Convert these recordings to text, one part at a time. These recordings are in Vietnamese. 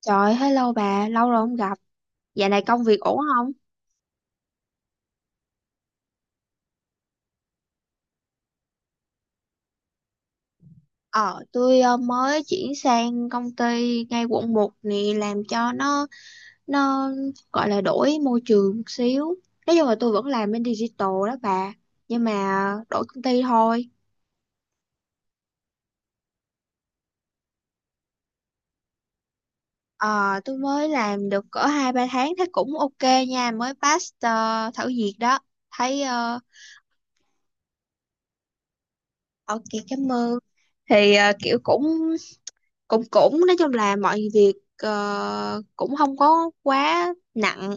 Trời, hello bà, lâu rồi không gặp. Dạo này công việc ổn không? Ờ, tôi mới chuyển sang công ty ngay Quận 1 này làm cho nó gọi là đổi môi trường một xíu. Nói chung là tôi vẫn làm bên digital đó bà, nhưng mà đổi công ty thôi. Ờ, tôi mới làm được cỡ hai ba tháng thấy cũng ok nha, mới pass thử việc đó. Thấy ờ, ok, cảm ơn. Thì kiểu cũng cũng cũng nói chung là mọi việc cũng không có quá nặng,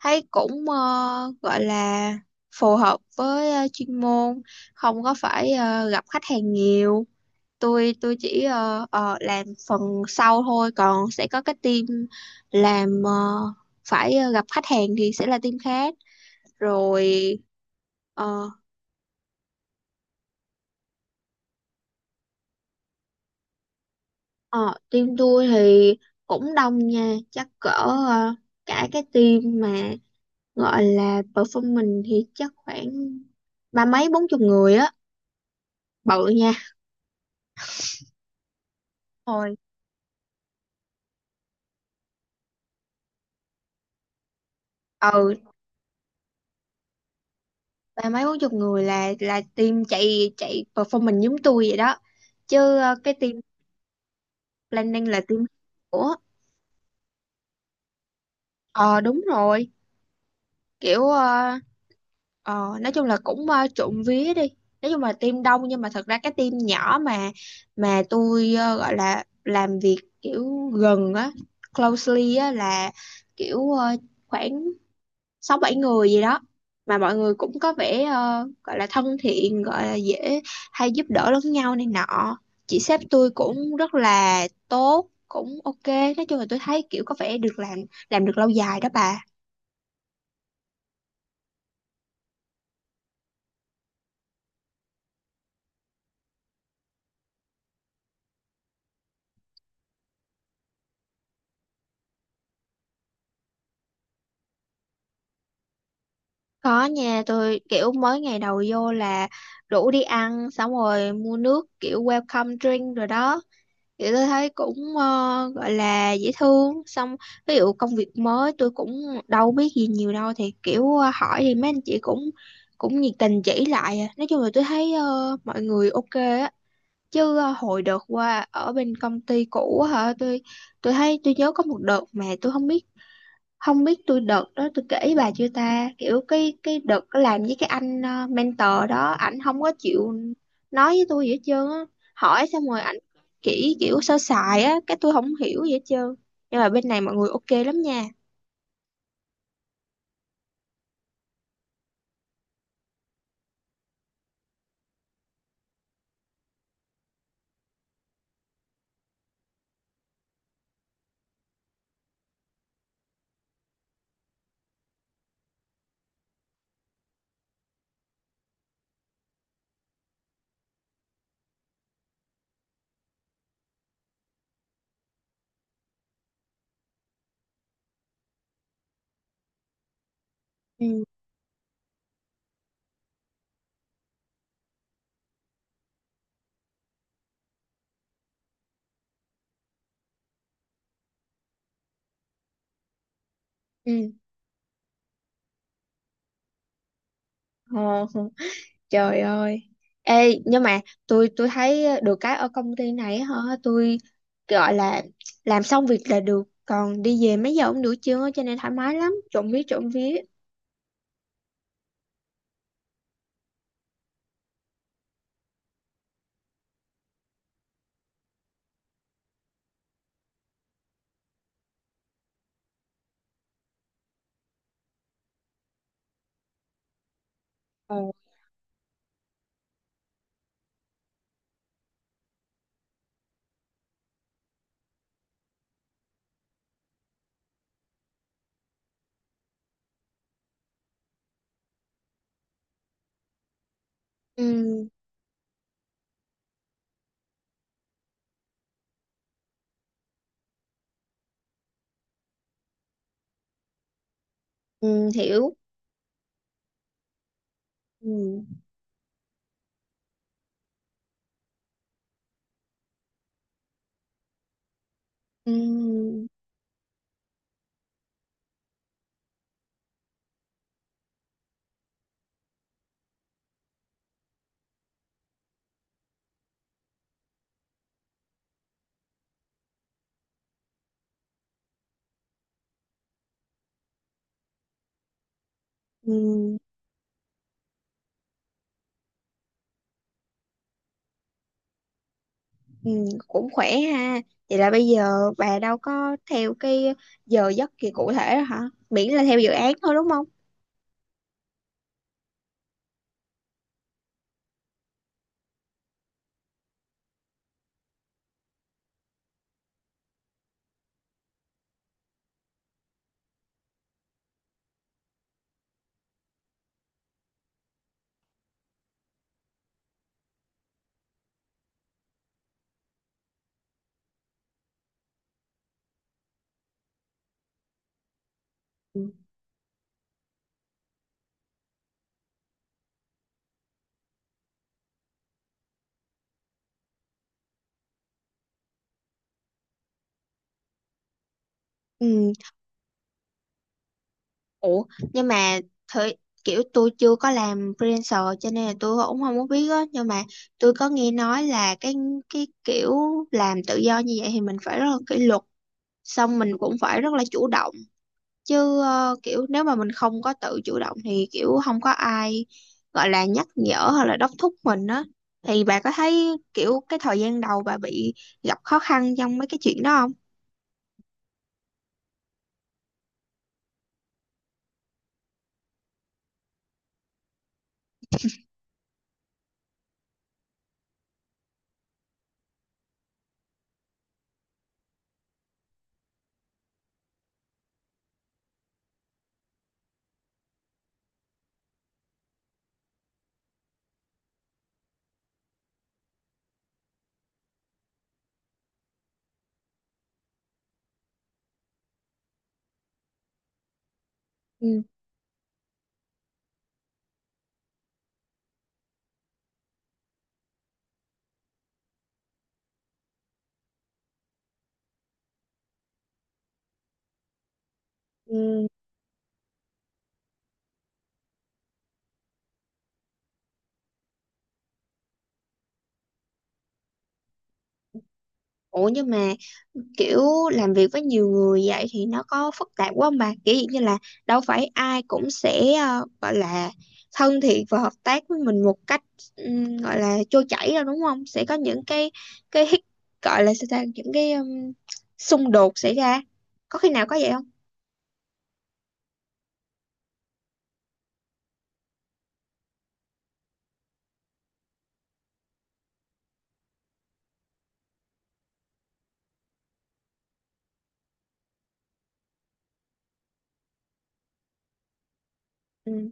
thấy cũng gọi là phù hợp với chuyên môn, không có phải gặp khách hàng nhiều. Tôi chỉ làm phần sau thôi, còn sẽ có cái team làm, phải gặp khách hàng thì sẽ là team khác rồi. ờ ờ, Team tôi thì cũng đông nha, chắc cỡ cả cái team mà gọi là perform mình thì chắc khoảng ba mấy bốn chục người á, bự nha. Ôi, ừ, ba mấy bốn chục người là team chạy chạy perform mình giống tôi vậy đó. Chứ cái team planning là team của. Ờ Đúng rồi. Kiểu nói chung là cũng trộm vía đi, nói chung là team đông nhưng mà thật ra cái team nhỏ mà tôi gọi là làm việc kiểu gần á, closely á, là kiểu khoảng sáu bảy người gì đó, mà mọi người cũng có vẻ gọi là thân thiện, gọi là dễ, hay giúp đỡ lẫn nhau này nọ. Chị sếp tôi cũng rất là tốt, cũng ok, nói chung là tôi thấy kiểu có vẻ được làm, được lâu dài đó bà. Có nha, tôi kiểu mới ngày đầu vô là rủ đi ăn xong rồi mua nước kiểu welcome drink rồi đó, thì tôi thấy cũng gọi là dễ thương. Xong ví dụ công việc mới tôi cũng đâu biết gì nhiều đâu, thì kiểu hỏi thì mấy anh chị cũng cũng nhiệt tình chỉ lại à. Nói chung là tôi thấy mọi người ok á. Chứ hồi đợt qua ở bên công ty cũ á hả, tôi thấy tôi nhớ có một đợt mà tôi không biết tôi đợt đó tôi kể bà chưa ta, kiểu cái đợt đó làm với cái anh mentor đó ảnh không có chịu nói với tôi gì hết trơn á. Hỏi xong rồi ảnh chỉ kiểu sơ sài á, cái tôi không hiểu gì hết trơn. Nhưng mà bên này mọi người ok lắm nha. Ừ, ừ. Ờ, trời ơi. Ê, nhưng mà tôi thấy được cái ở công ty này hả, tôi gọi là làm xong việc là được, còn đi về mấy giờ cũng được chưa, cho nên thoải mái lắm, trộm vía trộm vía. Ờ. Ừ, ừ hiểu. Ừ. Ừ. Ừ. Ừ. Cũng khỏe ha. Vậy là bây giờ bà đâu có theo cái giờ giấc gì cụ thể đó hả? Miễn là theo dự án thôi đúng không? Ừ. Ủa, nhưng mà thời kiểu tôi chưa có làm freelancer, cho nên là tôi cũng không có biết á. Nhưng mà tôi có nghe nói là cái kiểu làm tự do như vậy thì mình phải rất là kỷ luật, xong mình cũng phải rất là chủ động. Chứ kiểu nếu mà mình không có tự chủ động thì kiểu không có ai gọi là nhắc nhở hoặc là đốc thúc mình á. Thì bà có thấy kiểu cái thời gian đầu bà bị gặp khó khăn trong mấy cái chuyện đó không? Ừ. Ừ. Ủa, nhưng mà kiểu làm việc với nhiều người vậy thì nó có phức tạp quá không bà? Kiểu dạng như là đâu phải ai cũng sẽ gọi là thân thiện và hợp tác với mình một cách, gọi là trôi chảy đâu đúng không? Sẽ có những cái cái hít- gọi là sao ta, những cái xung đột xảy ra. Có khi nào có vậy không? Ừ.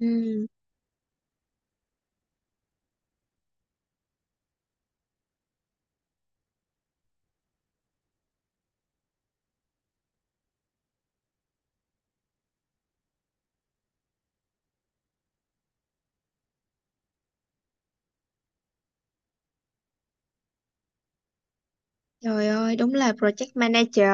Ừ. Trời ơi, đúng là project manager.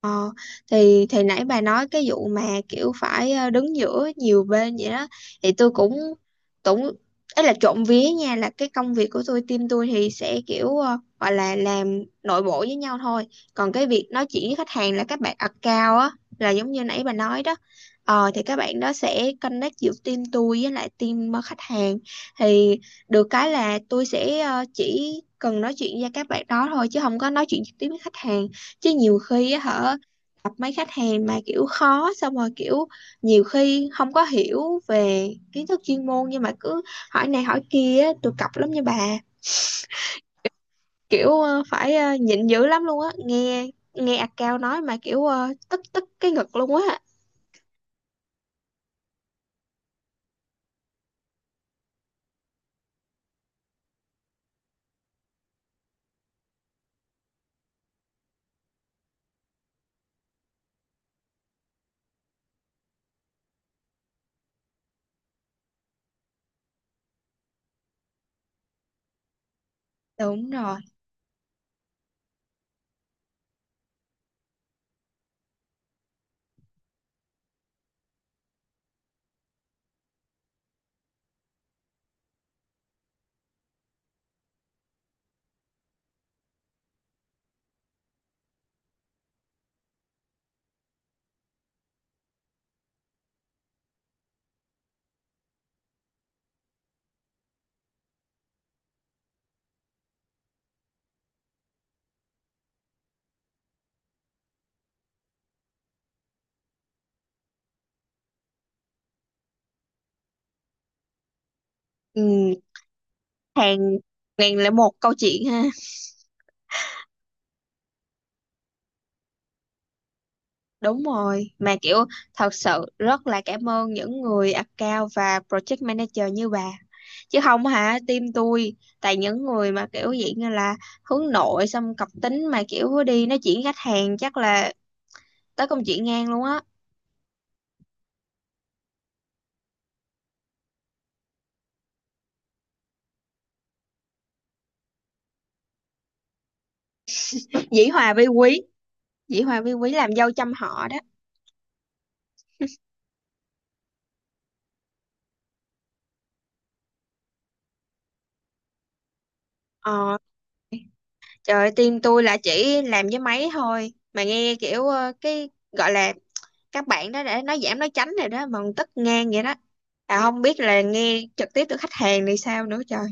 Ờ, thì nãy bà nói cái vụ mà kiểu phải đứng giữa nhiều bên vậy đó, thì tôi cũng cũng ấy, là trộm vía nha, là cái công việc của tôi team tôi thì sẽ kiểu gọi là làm nội bộ với nhau thôi. Còn cái việc nói chuyện với khách hàng là các bạn account á, là giống như nãy bà nói đó. Thì các bạn đó sẽ connect giữa team tôi với lại team khách hàng. Thì được cái là tôi sẽ chỉ cần nói chuyện với các bạn đó thôi, chứ không có nói chuyện trực tiếp với khách hàng. Chứ nhiều khi á hả, gặp mấy khách hàng mà kiểu khó, xong rồi kiểu nhiều khi không có hiểu về kiến thức chuyên môn nhưng mà cứ hỏi này hỏi kia á, tôi cọc lắm nha bà. Kiểu phải nhịn dữ lắm luôn á, nghe nghe account nói mà kiểu tức tức cái ngực luôn á. Đúng rồi. Ừ, hàng ngàn lẻ một câu chuyện ha. Đúng rồi, mà kiểu thật sự rất là cảm ơn những người account và project manager như bà. Chứ không hả, team tôi tại những người mà kiểu dạng như là hướng nội xong cọc tính mà kiểu đi nói chuyện khách hàng chắc là tới công chuyện ngang luôn á. Dĩ Hòa vi quý, Dĩ Hòa vi quý làm dâu trăm họ đó. Ờ, trời ơi, team tôi là chỉ làm với máy thôi mà nghe kiểu cái gọi là các bạn đó để nói giảm nói tránh rồi đó mà còn tức ngang vậy đó. À không biết là nghe trực tiếp từ khách hàng thì sao nữa trời.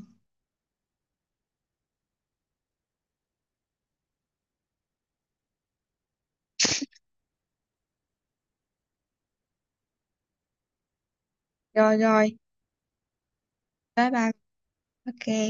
Rồi rồi, bye bye, ok.